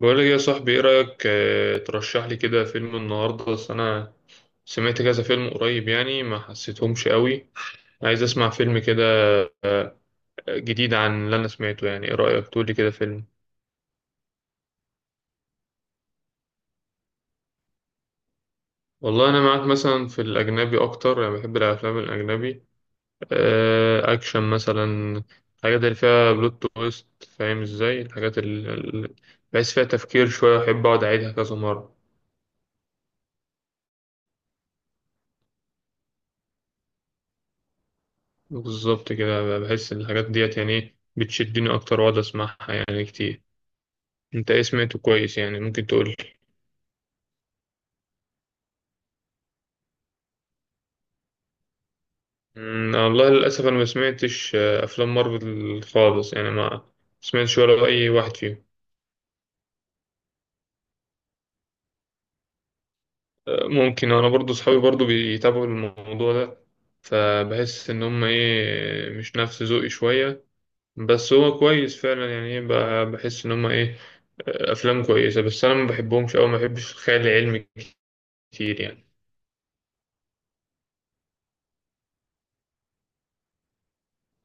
بقول لك يا صاحبي، ايه رأيك ترشح لي كده فيلم النهارده؟ بس انا سمعت كذا فيلم قريب يعني ما حسيتهمش قوي. عايز اسمع فيلم كده جديد عن اللي انا سمعته، يعني ايه رأيك تقول لي كده فيلم؟ والله انا معاك، مثلا في الاجنبي اكتر، يعني بحب الافلام الاجنبي اكشن مثلا. الحاجات اللي فيها بلوت تويست، فاهم ازاي؟ الحاجات اللي بحس فيها تفكير شوية احب اقعد اعيدها كذا مرة. بالظبط كده، بحس إن الحاجات ديت يعني إيه، بتشدني اكتر واقعد اسمعها يعني كتير. انت ايه سمعته كويس يعني؟ ممكن تقول لي؟ والله للاسف انا ما سمعتش افلام مارفل خالص، يعني ما سمعتش ولا اي واحد فيهم. ممكن. انا برضو صحابي برضو بيتابعوا الموضوع ده، فبحس ان هم ايه مش نفس ذوقي شويه. بس هو كويس فعلا يعني، ايه بحس ان هم ايه افلام كويسه، بس انا ما بحبهمش او ما بحبش الخيال العلمي كتير يعني.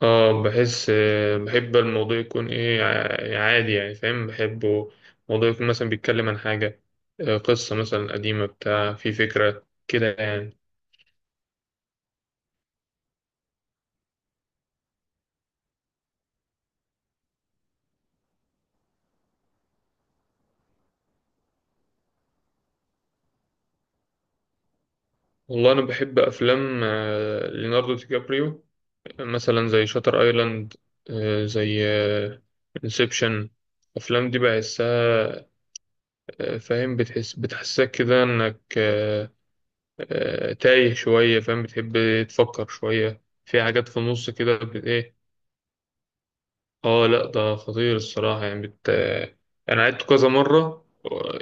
اه، بحس بحب الموضوع يكون ايه عادي، يعني فاهم بحبه. الموضوع يكون مثلا بيتكلم عن حاجة، قصة مثلا قديمة، بتاع في فكرة كده يعني. والله أنا بحب أفلام ليوناردو دي كابريو، مثلا زي شاتر آيلاند، زي انسبشن. الأفلام دي بحسها، فاهم؟ بتحسسك كده إنك تايه شوية، فاهم؟ بتحب تفكر شوية في حاجات في النص كده إيه. اه لا، ده خطير الصراحة يعني انا عدت كذا مرة.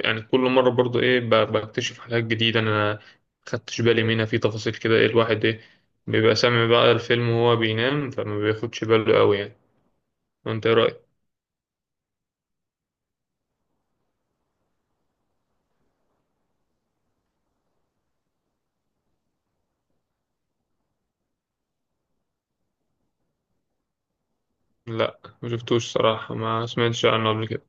يعني كل مرة برضو ايه، بكتشف حاجات جديدة انا ما خدتش بالي منها في تفاصيل كده. ايه، الواحد ايه بيبقى سامع بقى الفيلم وهو بينام، فما بياخدش باله قوي يعني. وانت ايه رأيك؟ لا، ما شفتوش صراحة، ما سمعتش عنه قبل كده.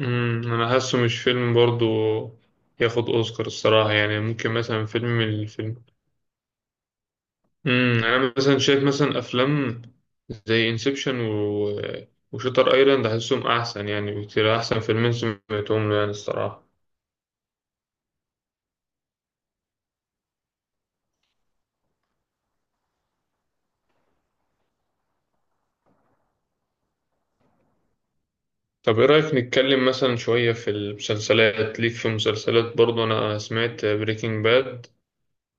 انا حاسه مش فيلم برضو ياخد اوسكار الصراحة، يعني ممكن مثلا فيلم الفيلم. انا مثلا شايف مثلا افلام زي انسبشن وشاتر ايلاند، احسهم احسن يعني بكتير، احسن فيلمين سمعتهم له يعني الصراحه. طب ايه رايك نتكلم مثلا شويه في المسلسلات؟ ليك في المسلسلات برضه، انا سمعت بريكنج باد،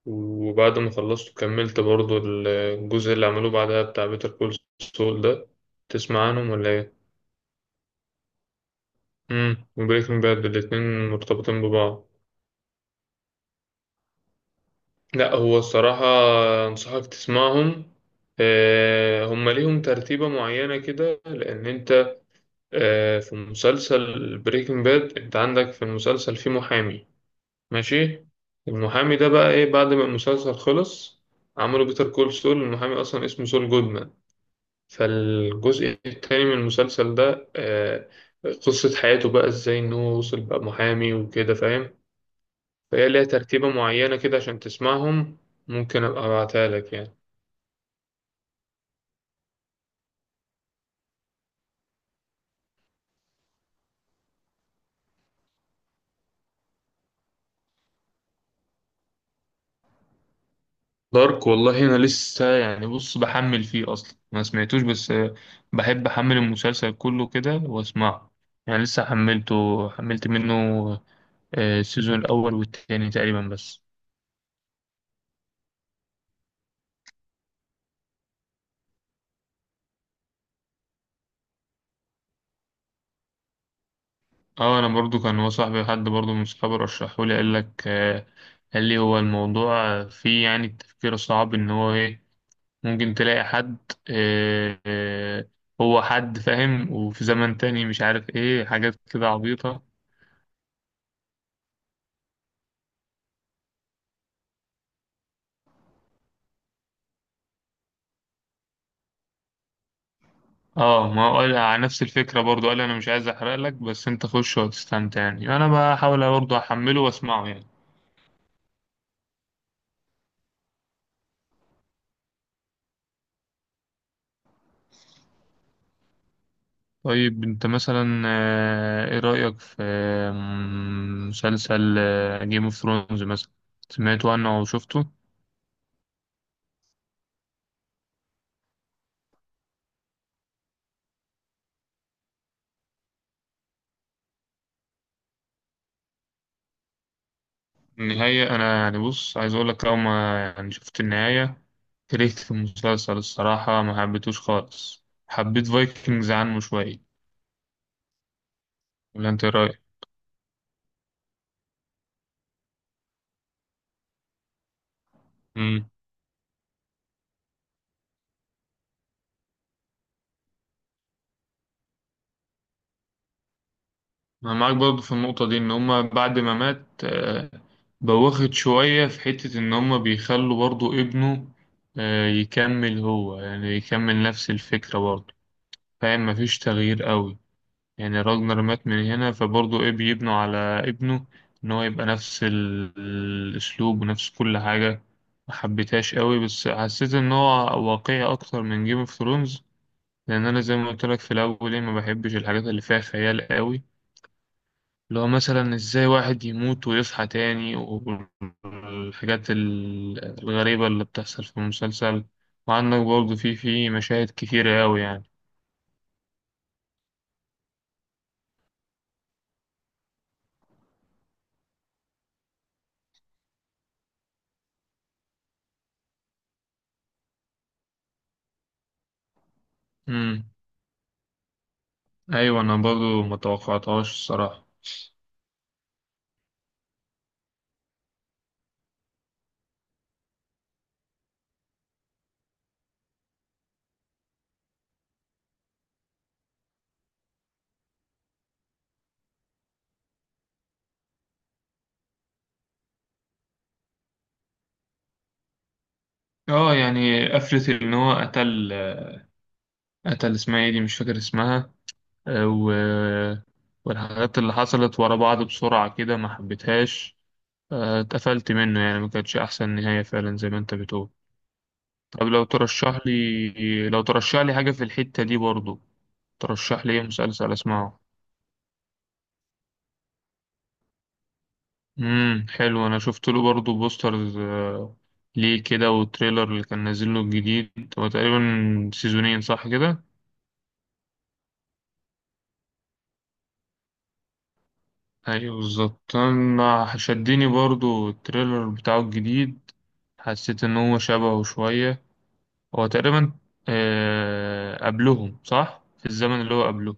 وبعد ما خلصت كملت برضه الجزء اللي عملوه بعدها بتاع بيتر كول سول ده. تسمع عنهم ولا ايه؟ وبريكنج باد الاتنين مرتبطين ببعض. لا، هو الصراحة أنصحك تسمعهم. هم ليهم ترتيبة معينة كده، لأن أنت في مسلسل بريكنج باد أنت عندك في المسلسل في محامي، ماشي. المحامي ده بقى إيه بعد ما المسلسل خلص؟ عملوا بيتر كول سول. المحامي أصلا اسمه سول جودمان، فالجزء التاني من المسلسل ده قصة حياته بقى إزاي إن هو وصل بقى محامي وكده، فاهم؟ فهي ليها ترتيبة معينة كده عشان تسمعهم، ممكن أبقى أبعتها لك يعني. دارك، والله انا لسه يعني، بص، بحمل فيه اصلا، ما سمعتوش بس. بحب احمل المسلسل كله كده واسمعه. يعني لسه حملته، حملت منه السيزون الاول والتاني تقريبا بس. اه، انا برضو كان هو صاحبي، حد برضو من صحابي رشحه لي. قال لك آه، قال لي هو الموضوع فيه يعني التفكير الصعب ان هو ايه ممكن تلاقي حد آه، آه، هو حد فاهم وفي زمن تاني مش عارف ايه، حاجات كده عبيطة. اه، ما هو قال على نفس الفكرة برضو. قال انا مش عايز احرق لك بس انت خش وتستمتع يعني. انا بحاول برضو احمله واسمعه يعني. طيب انت مثلا ايه رأيك في مسلسل جيم اوف ثرونز مثلا؟ سمعته عنه او شفته؟ النهاية، انا يعني بص عايز اقول لك، اول ما يعني شفت النهاية كرهت في المسلسل الصراحة، ما حبيتوش خالص، حبيت فايكنجز عنه شوية، ولا انت ايه رأيك؟ أنا معاك برضه في النقطة دي، إن هما بعد ما مات بوخت شوية في حتة إن هما بيخلوا برضه ابنه يكمل هو، يعني يكمل نفس الفكرة برضه، فاهم؟ مفيش تغيير قوي. يعني راجنر مات من هنا فبرضه إيه، بيبنوا على ابنه إن هو يبقى نفس الأسلوب ونفس كل حاجة. محبتهاش قوي، بس حسيت إن هو واقعي أكتر من جيم اوف ثرونز. لأن أنا زي ما قلت لك في الأول، إيه، ما بحبش الحاجات اللي فيها خيال قوي، اللي هو مثلا ازاي واحد يموت ويصحى تاني، والحاجات الغريبة اللي بتحصل في المسلسل. وعندك برضه في مشاهد كتيرة أوي يعني. امم. أيوة، أنا برضه ما توقعتهاش الصراحة. اه، يعني قفلة إن هو قتل اسمها ايه دي، مش فاكر اسمها آه، و... والحاجات اللي حصلت ورا بعض بسرعة كده ما حبيتهاش. اتقفلت منه يعني، ما كانتش أحسن نهاية فعلا زي ما أنت بتقول. طب لو ترشح لي حاجة في الحتة دي برضو، ترشح لي ايه مسلسل اسمعه؟ امم، حلو. انا شفت له برضو بوسترز، ليه كده، والتريلر اللي كان نازل له الجديد، هو تقريبا سيزونين صح كده؟ ايوه بالظبط، انا شدني برضو التريلر بتاعه الجديد. حسيت ان هو شبهه شوية، هو تقريبا قبلهم صح، في الزمن اللي هو قبله.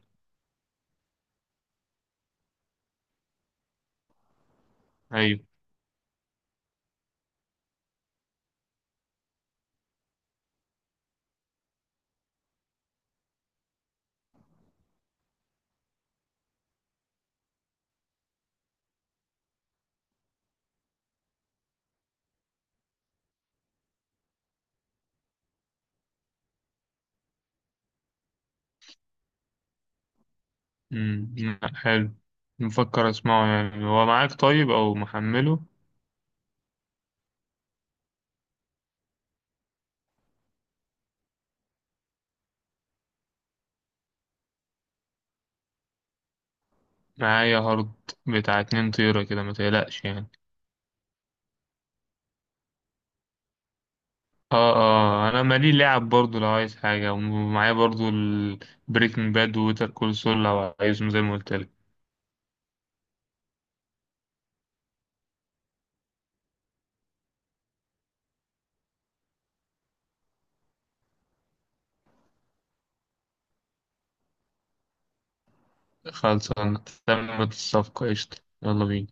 ايوه. امم، لأ، حلو. مفكر اسمعه يعني. هو معاك طيب او محمله؟ معايا هارد بتاع اتنين طيرة كده، ما تقلقش يعني. اه، اه، انا مالي لعب برضو لو عايز حاجة، ومعايا برضو البريكنج باد ووتر كول سول لو عايزهم زي ما قلت لك. خلصانة، تمت الصفقة، قشطة، يلا بينا.